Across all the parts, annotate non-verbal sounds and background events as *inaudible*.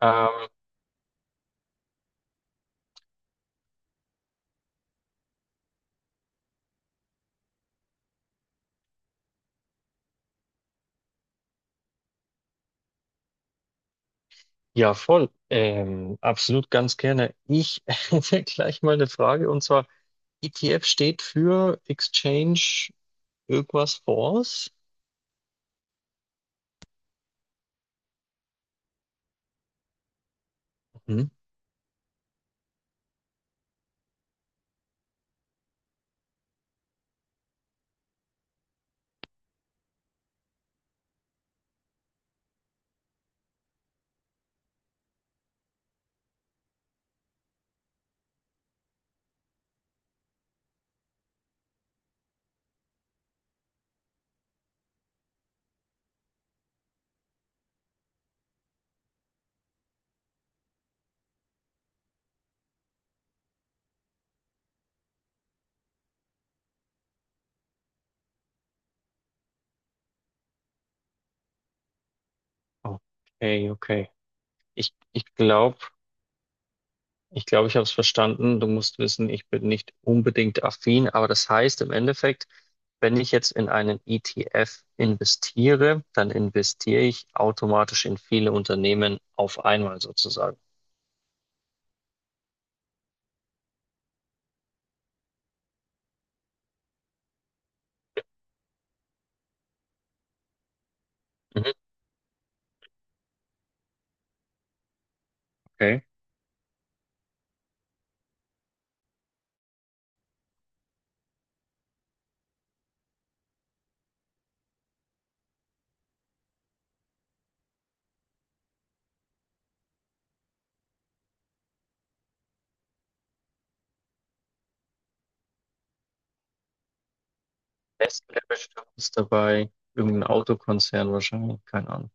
Ähm, ja, voll. Absolut ganz gerne. Ich *laughs* hätte gleich mal eine Frage, und zwar, ETF steht für Exchange irgendwas Force? Mhm. Okay, okay. Ich glaube, ich habe es verstanden. Du musst wissen, ich bin nicht unbedingt affin, aber das heißt im Endeffekt, wenn ich jetzt in einen ETF investiere, dann investiere ich automatisch in viele Unternehmen auf einmal sozusagen. Mhm. Okay. Nestle bestimmt ist dabei. Irgendein Autokonzern wahrscheinlich. Keine Ahnung.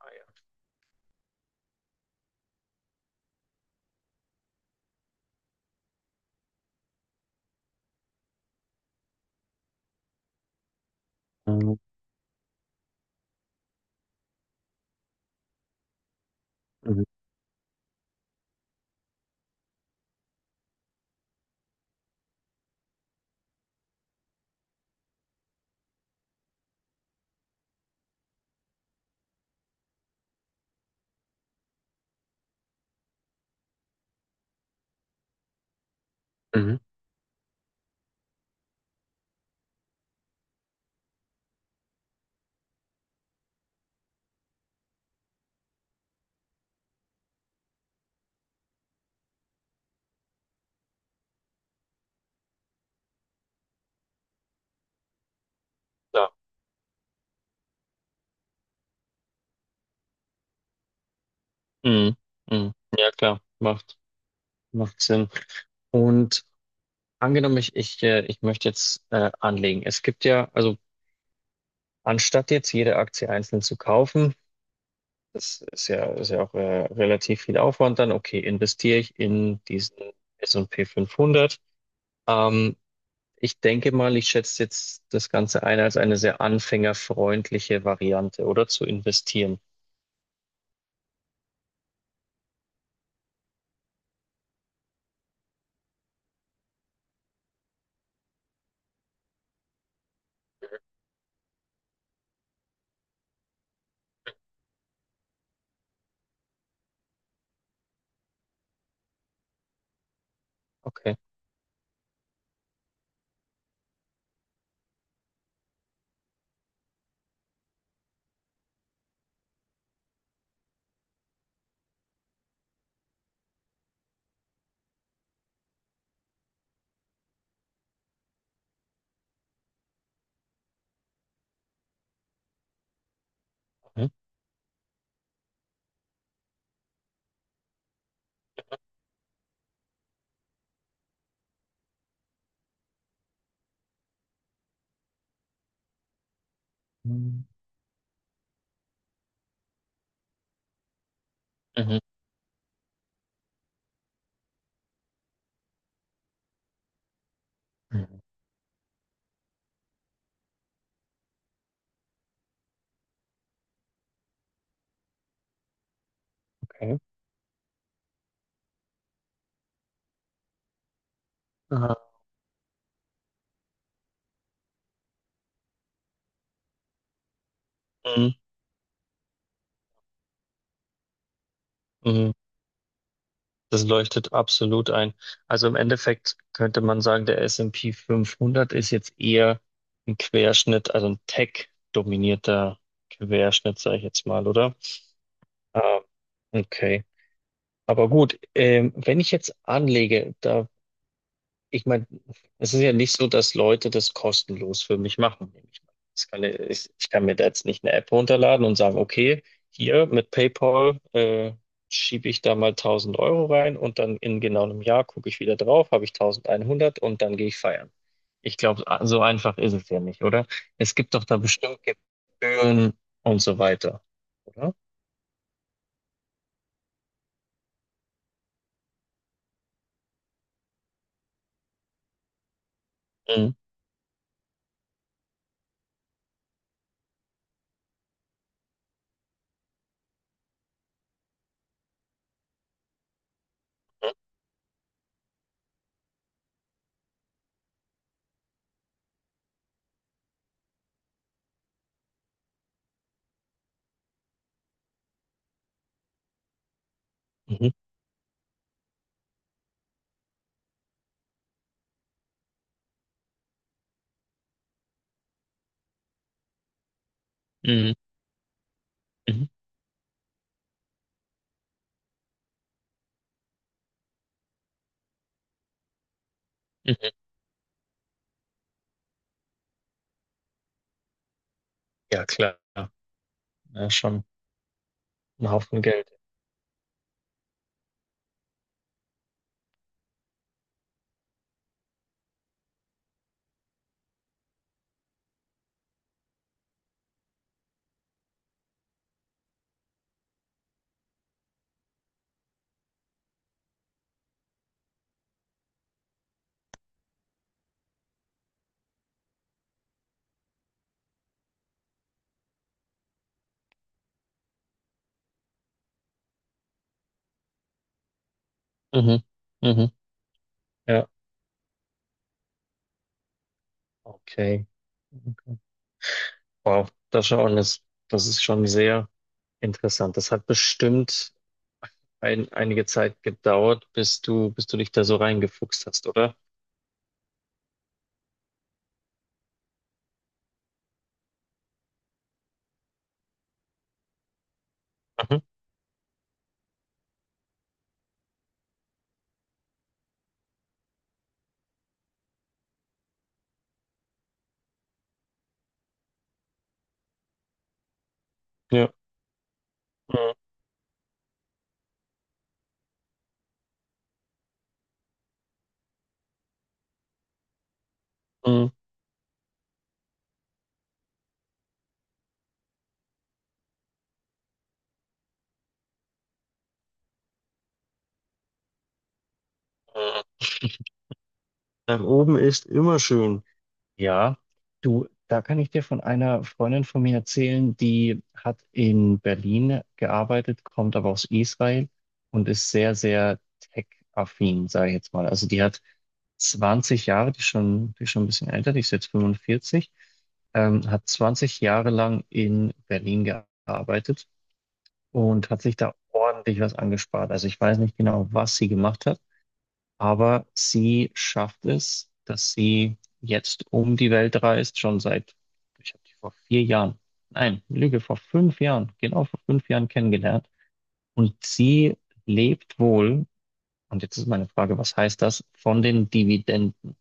Ah, ja. Ähm, Mhm. Mhm. Klar. Mhm. Mhm. Ja, klar. Macht Sinn. Und angenommen, ich möchte jetzt anlegen. Es gibt ja, also anstatt jetzt jede Aktie einzeln zu kaufen, ist ja auch relativ viel Aufwand dann. Okay, investiere ich in diesen S&P 500. Ähm, Ich denke mal, ich schätze jetzt das Ganze ein als eine sehr anfängerfreundliche Variante, oder? Zu investieren. Okay. Mhm. Mhm. Mhm. Mhm. Okay. Aha. Mhm. Mhm. Das leuchtet absolut ein. Also im Endeffekt könnte man sagen, der S&P 500 ist jetzt eher ein Querschnitt, also ein Tech-dominierter Querschnitt, sage ich jetzt mal, oder? Ah, okay. Aber gut, wenn ich jetzt anlege, da, ich meine, es ist ja nicht so, dass Leute das kostenlos für mich machen, nehme ich mal Das kann, ich kann mir da jetzt nicht eine App runterladen und sagen, okay, hier mit PayPal schiebe ich da mal 1000 Euro rein, und dann in genau einem Jahr gucke ich wieder drauf, habe ich 1100 und dann gehe ich feiern. Ich glaube, so einfach ist es ja nicht, oder? Es gibt doch da bestimmt Gebühren und so weiter, oder? Mhm. Mhm. Mhm. Mhm. Mhm. Ja, klar. Ja, schon ein Haufen Geld. Mhm. Mhm. Ja. Okay. Okay. Wow, das ist schon sehr interessant. Das hat bestimmt einige Zeit gedauert, bis du dich da so reingefuchst hast, oder? Mhm. Ja. Mhm. Mhm. Mhm. Nach oben ist immer schön. Ja, du, da kann ich dir von einer Freundin von mir erzählen, die hat in Berlin gearbeitet, kommt aber aus Israel und ist sehr, sehr tech-affin, sage ich jetzt mal. Also die hat 20 Jahre, die ist schon ein bisschen älter, die ist jetzt 45, hat 20 Jahre lang in Berlin gearbeitet und hat sich da ordentlich was angespart. Also ich weiß nicht genau, was sie gemacht hat. Aber sie schafft es, dass sie jetzt um die Welt reist, schon seit, ich habe die vor vier Jahren, nein, Lüge, vor 5 Jahren, genau vor 5 Jahren kennengelernt. Und sie lebt wohl, und jetzt ist meine Frage, was heißt das, von den Dividenden?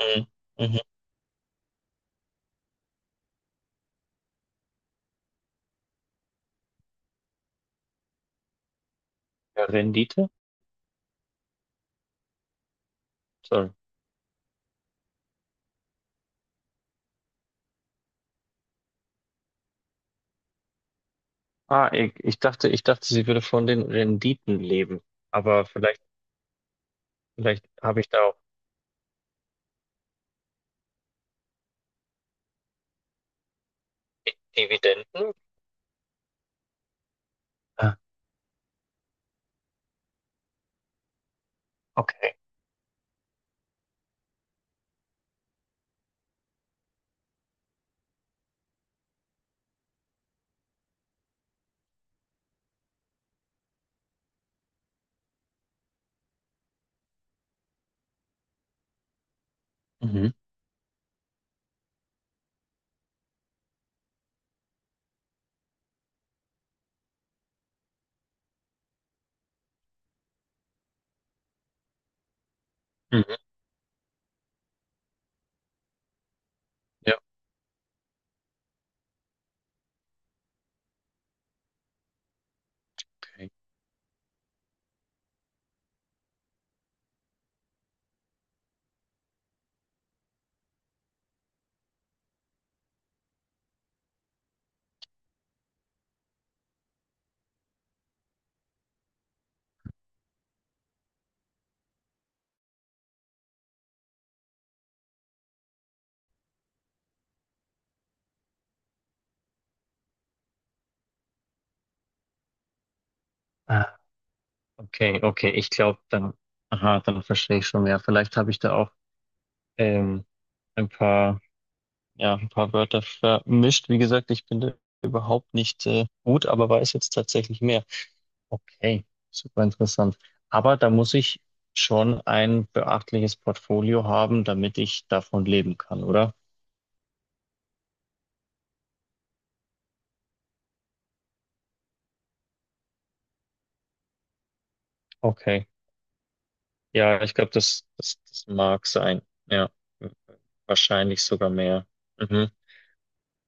Mhm. Mhm. Ja, Rendite? Sorry. Ah, ich dachte, sie würde von den Renditen leben. Aber vielleicht, vielleicht habe ich da auch Di- Dividenden. Ah, okay. Mhm. Mhm. Ja, okay. Okay, ich glaube dann, aha, dann verstehe ich schon mehr. Vielleicht habe ich da auch ähm, ein paar, ja, ein paar Wörter vermischt. Wie gesagt, ich bin da überhaupt nicht gut, aber weiß jetzt tatsächlich mehr. Okay, super interessant. Aber da muss ich schon ein beachtliches Portfolio haben, damit ich davon leben kann, oder? Okay, ja, ich glaube, das mag sein. Ja, wahrscheinlich sogar mehr. Mhm.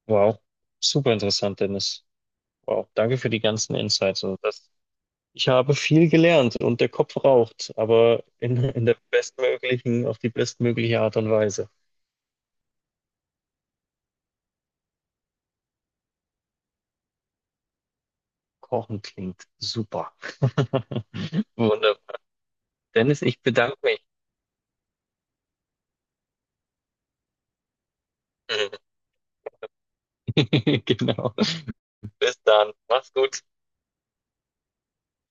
Wow, super interessant, Dennis. Wow, danke für die ganzen Insights. Also das, ich habe viel gelernt und der Kopf raucht, aber in der bestmöglichen, auf die bestmögliche Art und Weise. Kochen klingt super. *laughs* Wunderbar. Dennis, ich bedanke mich. *laughs* Genau. Bis dann. Mach's gut.